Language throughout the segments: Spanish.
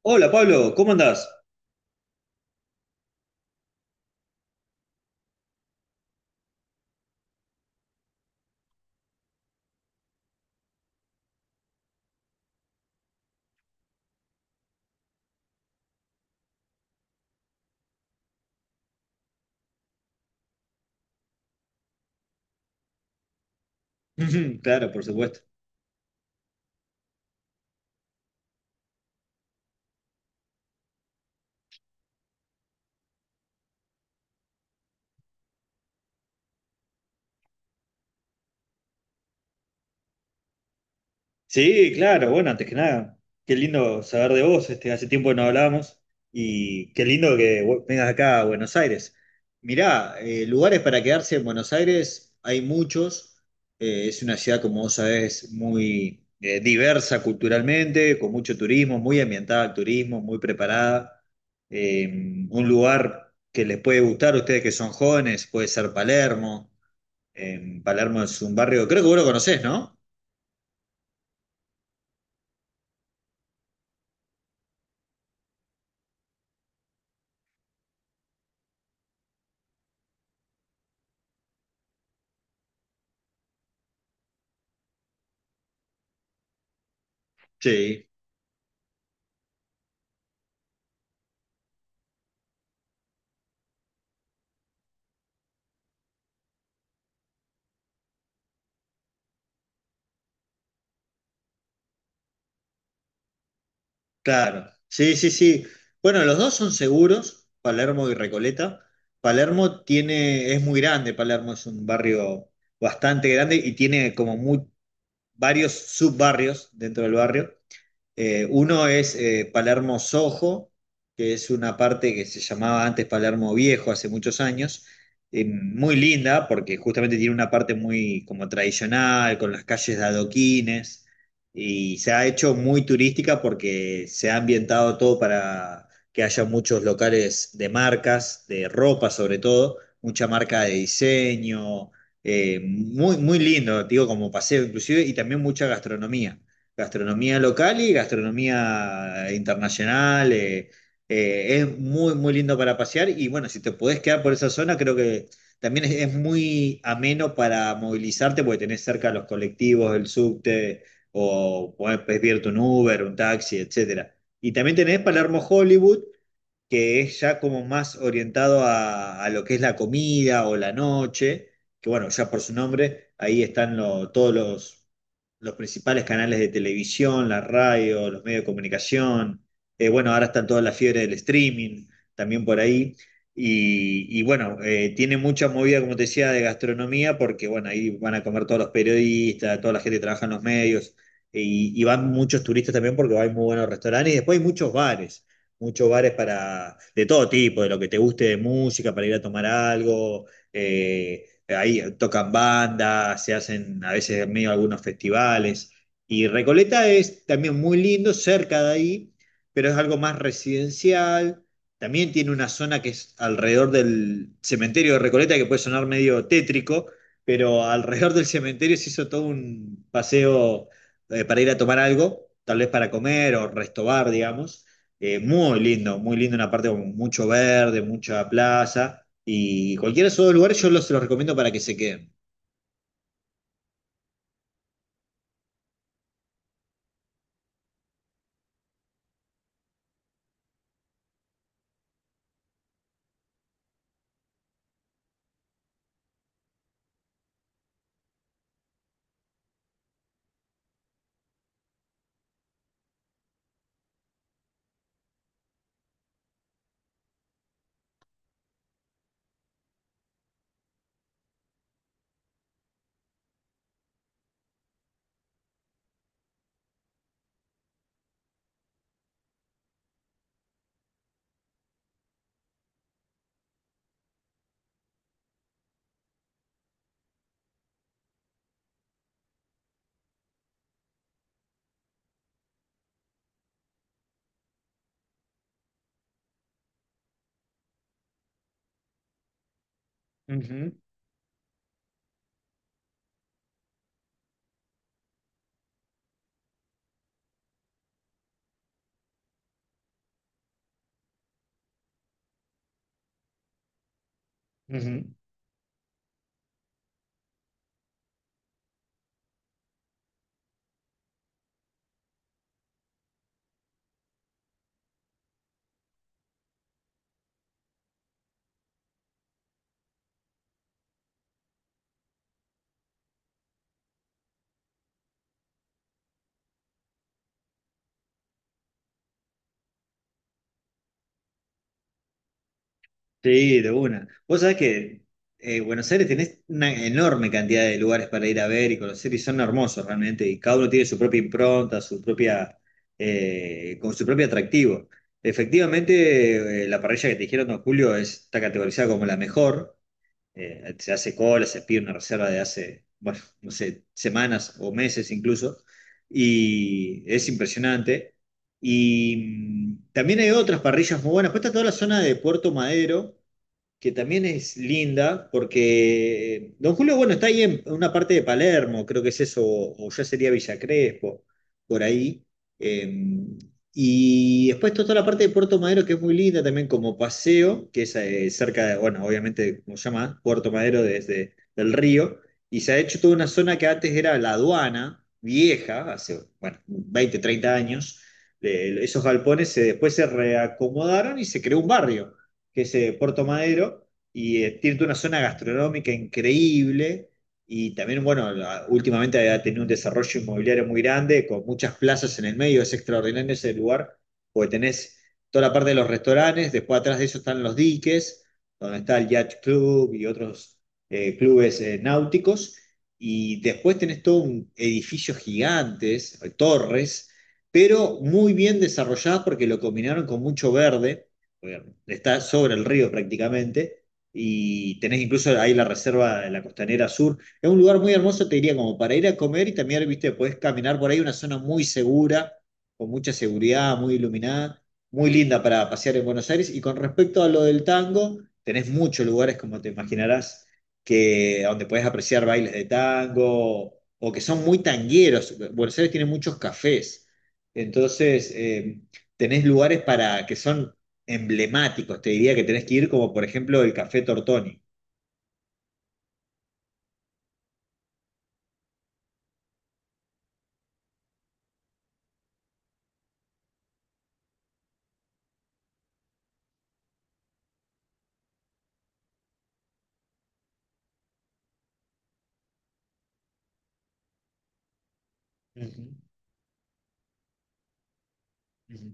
Hola Pablo, ¿cómo andás? Claro, por supuesto. Sí, claro, bueno, antes que nada, qué lindo saber de vos, este, hace tiempo que no hablábamos y qué lindo que vengas acá a Buenos Aires. Mirá, lugares para quedarse en Buenos Aires hay muchos. Es una ciudad, como vos sabés, muy diversa culturalmente, con mucho turismo, muy ambientada al turismo, muy preparada. Un lugar que les puede gustar a ustedes que son jóvenes, puede ser Palermo. En Palermo es un barrio, creo que vos lo conocés, ¿no? Sí, claro, sí, sí, sí. Bueno, los dos son seguros, Palermo y Recoleta. Palermo tiene, es muy grande, Palermo es un barrio bastante grande y tiene como muy, varios subbarrios dentro del barrio. Uno es Palermo Sojo, que es una parte que se llamaba antes Palermo Viejo hace muchos años, muy linda porque justamente tiene una parte muy como tradicional, con las calles de adoquines, y se ha hecho muy turística porque se ha ambientado todo para que haya muchos locales de marcas, de ropa sobre todo, mucha marca de diseño, muy, muy lindo, digo, como paseo inclusive, y también mucha gastronomía local y gastronomía internacional. Es muy, muy lindo para pasear y bueno, si te podés quedar por esa zona, creo que también es muy ameno para movilizarte porque tenés cerca los colectivos, el subte o podés pedirte un Uber, un taxi, etcétera. Y también tenés Palermo Hollywood, que es ya como más orientado a lo que es la comida o la noche, que bueno, ya por su nombre, ahí están todos los principales canales de televisión, la radio, los medios de comunicación. Bueno, ahora están toda la fiebre del streaming, también por ahí, y bueno, tiene mucha movida, como te decía, de gastronomía, porque bueno, ahí van a comer todos los periodistas, toda la gente que trabaja en los medios, y van muchos turistas también porque hay muy buenos restaurantes, y después hay muchos bares para, de todo tipo, de lo que te guste de música, para ir a tomar algo. Ahí tocan bandas, se hacen a veces medio algunos festivales. Y Recoleta es también muy lindo, cerca de ahí, pero es algo más residencial. También tiene una zona que es alrededor del cementerio de Recoleta, que puede sonar medio tétrico, pero alrededor del cementerio se hizo todo un paseo para ir a tomar algo, tal vez para comer o restobar, digamos. Muy lindo, una parte con mucho verde, mucha plaza. Y cualquiera de esos dos lugares yo los recomiendo para que se queden. Ujú, ujú. Sí, de una. Vos sabés que Buenos Aires tenés una enorme cantidad de lugares para ir a ver y conocer y son hermosos realmente. Y cada uno tiene su propia impronta, su propia, con su propio atractivo. Efectivamente, la parrilla que te dijeron, don Julio, está categorizada como la mejor. Se hace cola, se pide una reserva de hace, bueno, no sé, semanas o meses incluso, y es impresionante. Y también hay otras parrillas muy buenas. Pues está toda la zona de Puerto Madero, que también es linda, porque Don Julio, bueno, está ahí en una parte de Palermo, creo que es eso, o ya sería Villa Crespo, por ahí. Eh, y después está toda la parte de Puerto Madero, que es muy linda también como paseo, que es cerca de, bueno, obviamente, como se llama, Puerto Madero desde el río, y se ha hecho toda una zona que antes era la aduana, vieja, hace, bueno, 20, 30 años. Esos galpones después se reacomodaron y se creó un barrio que es Puerto Madero, y tiene toda una zona gastronómica increíble. Y también, bueno, últimamente ha tenido un desarrollo inmobiliario muy grande, con muchas plazas en el medio. Es extraordinario ese lugar, porque tenés toda la parte de los restaurantes, después atrás de eso están los diques, donde está el Yacht Club y otros clubes náuticos. Y después tenés todo un edificio gigantes, torres, pero muy bien desarrolladas porque lo combinaron con mucho verde, está sobre el río prácticamente, y tenés incluso ahí la reserva de la Costanera Sur. Es un lugar muy hermoso, te diría, como para ir a comer y también, viste, podés caminar por ahí, una zona muy segura, con mucha seguridad, muy iluminada, muy linda para pasear en Buenos Aires. Y con respecto a lo del tango, tenés muchos lugares, como te imaginarás, que, donde podés apreciar bailes de tango o que son muy tangueros. Buenos Aires tiene muchos cafés, entonces tenés lugares para que son emblemáticos, te diría que tenés que ir, como por ejemplo el Café Tortoni. Ujú, ujú.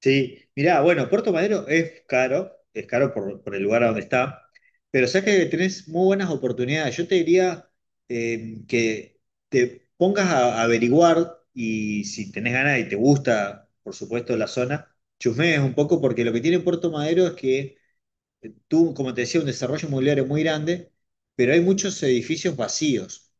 Sí, mirá, bueno, Puerto Madero es caro por el lugar a donde está, pero sabes que tenés muy buenas oportunidades. Yo te diría que te pongas a averiguar y si tenés ganas y te gusta, por supuesto, la zona, chusmees un poco porque lo que tiene Puerto Madero es que tuvo, como te decía, un desarrollo inmobiliario muy grande, pero hay muchos edificios vacíos.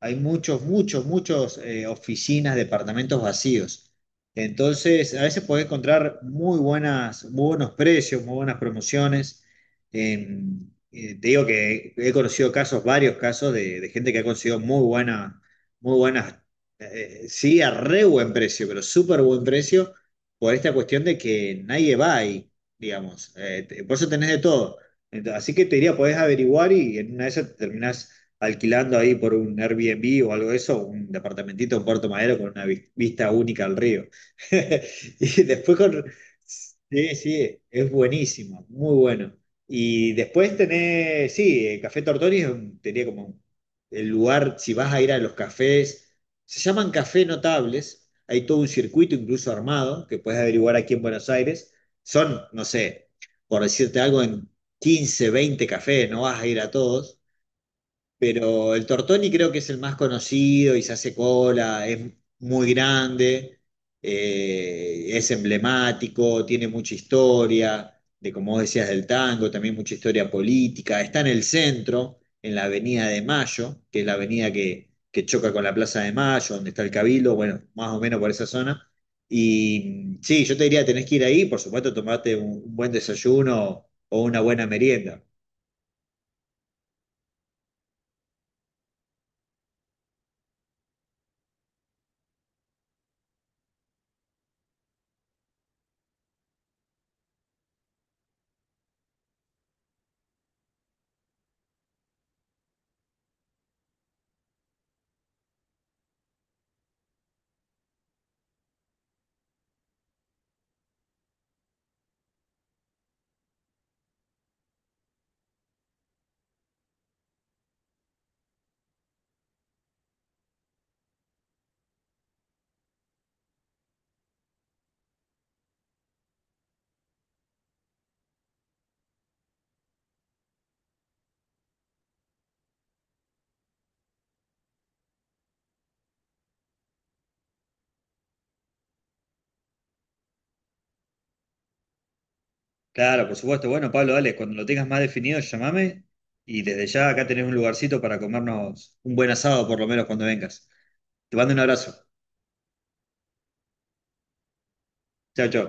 Hay muchos, muchos, muchos oficinas, departamentos vacíos. Entonces, a veces podés encontrar muy buenas, muy buenos precios, muy buenas promociones. Te digo que he conocido casos, varios casos de gente que ha conseguido muy buena, muy buenas, sí, a re buen precio, pero súper buen precio por esta cuestión de que nadie va ahí, digamos. Por eso tenés de todo. Así que te diría, podés averiguar y en una de esas te terminás alquilando ahí por un Airbnb o algo de eso, un departamentito en Puerto Madero con una vista única al río. Y después con... Sí, sí, es buenísimo, muy bueno. Y después tenés, sí, Café Tortoni es tenía como el lugar. Si vas a ir a los cafés, se llaman café notables, hay todo un circuito incluso armado que puedes averiguar aquí en Buenos Aires. Son, no sé, por decirte algo, en 15 20 cafés, no vas a ir a todos, pero el Tortoni creo que es el más conocido y se hace cola, es muy grande, es emblemático, tiene mucha historia, de como vos decías del tango, también mucha historia política. Está en el centro, en la Avenida de Mayo, que es la avenida que choca con la Plaza de Mayo, donde está el Cabildo, bueno, más o menos por esa zona. Y sí, yo te diría, tenés que ir ahí, por supuesto, tomarte un buen desayuno o una buena merienda. Claro, por supuesto. Bueno, Pablo, dale, cuando lo tengas más definido, llamame y desde ya acá tenés un lugarcito para comernos un buen asado, por lo menos cuando vengas. Te mando un abrazo. Chao, chao.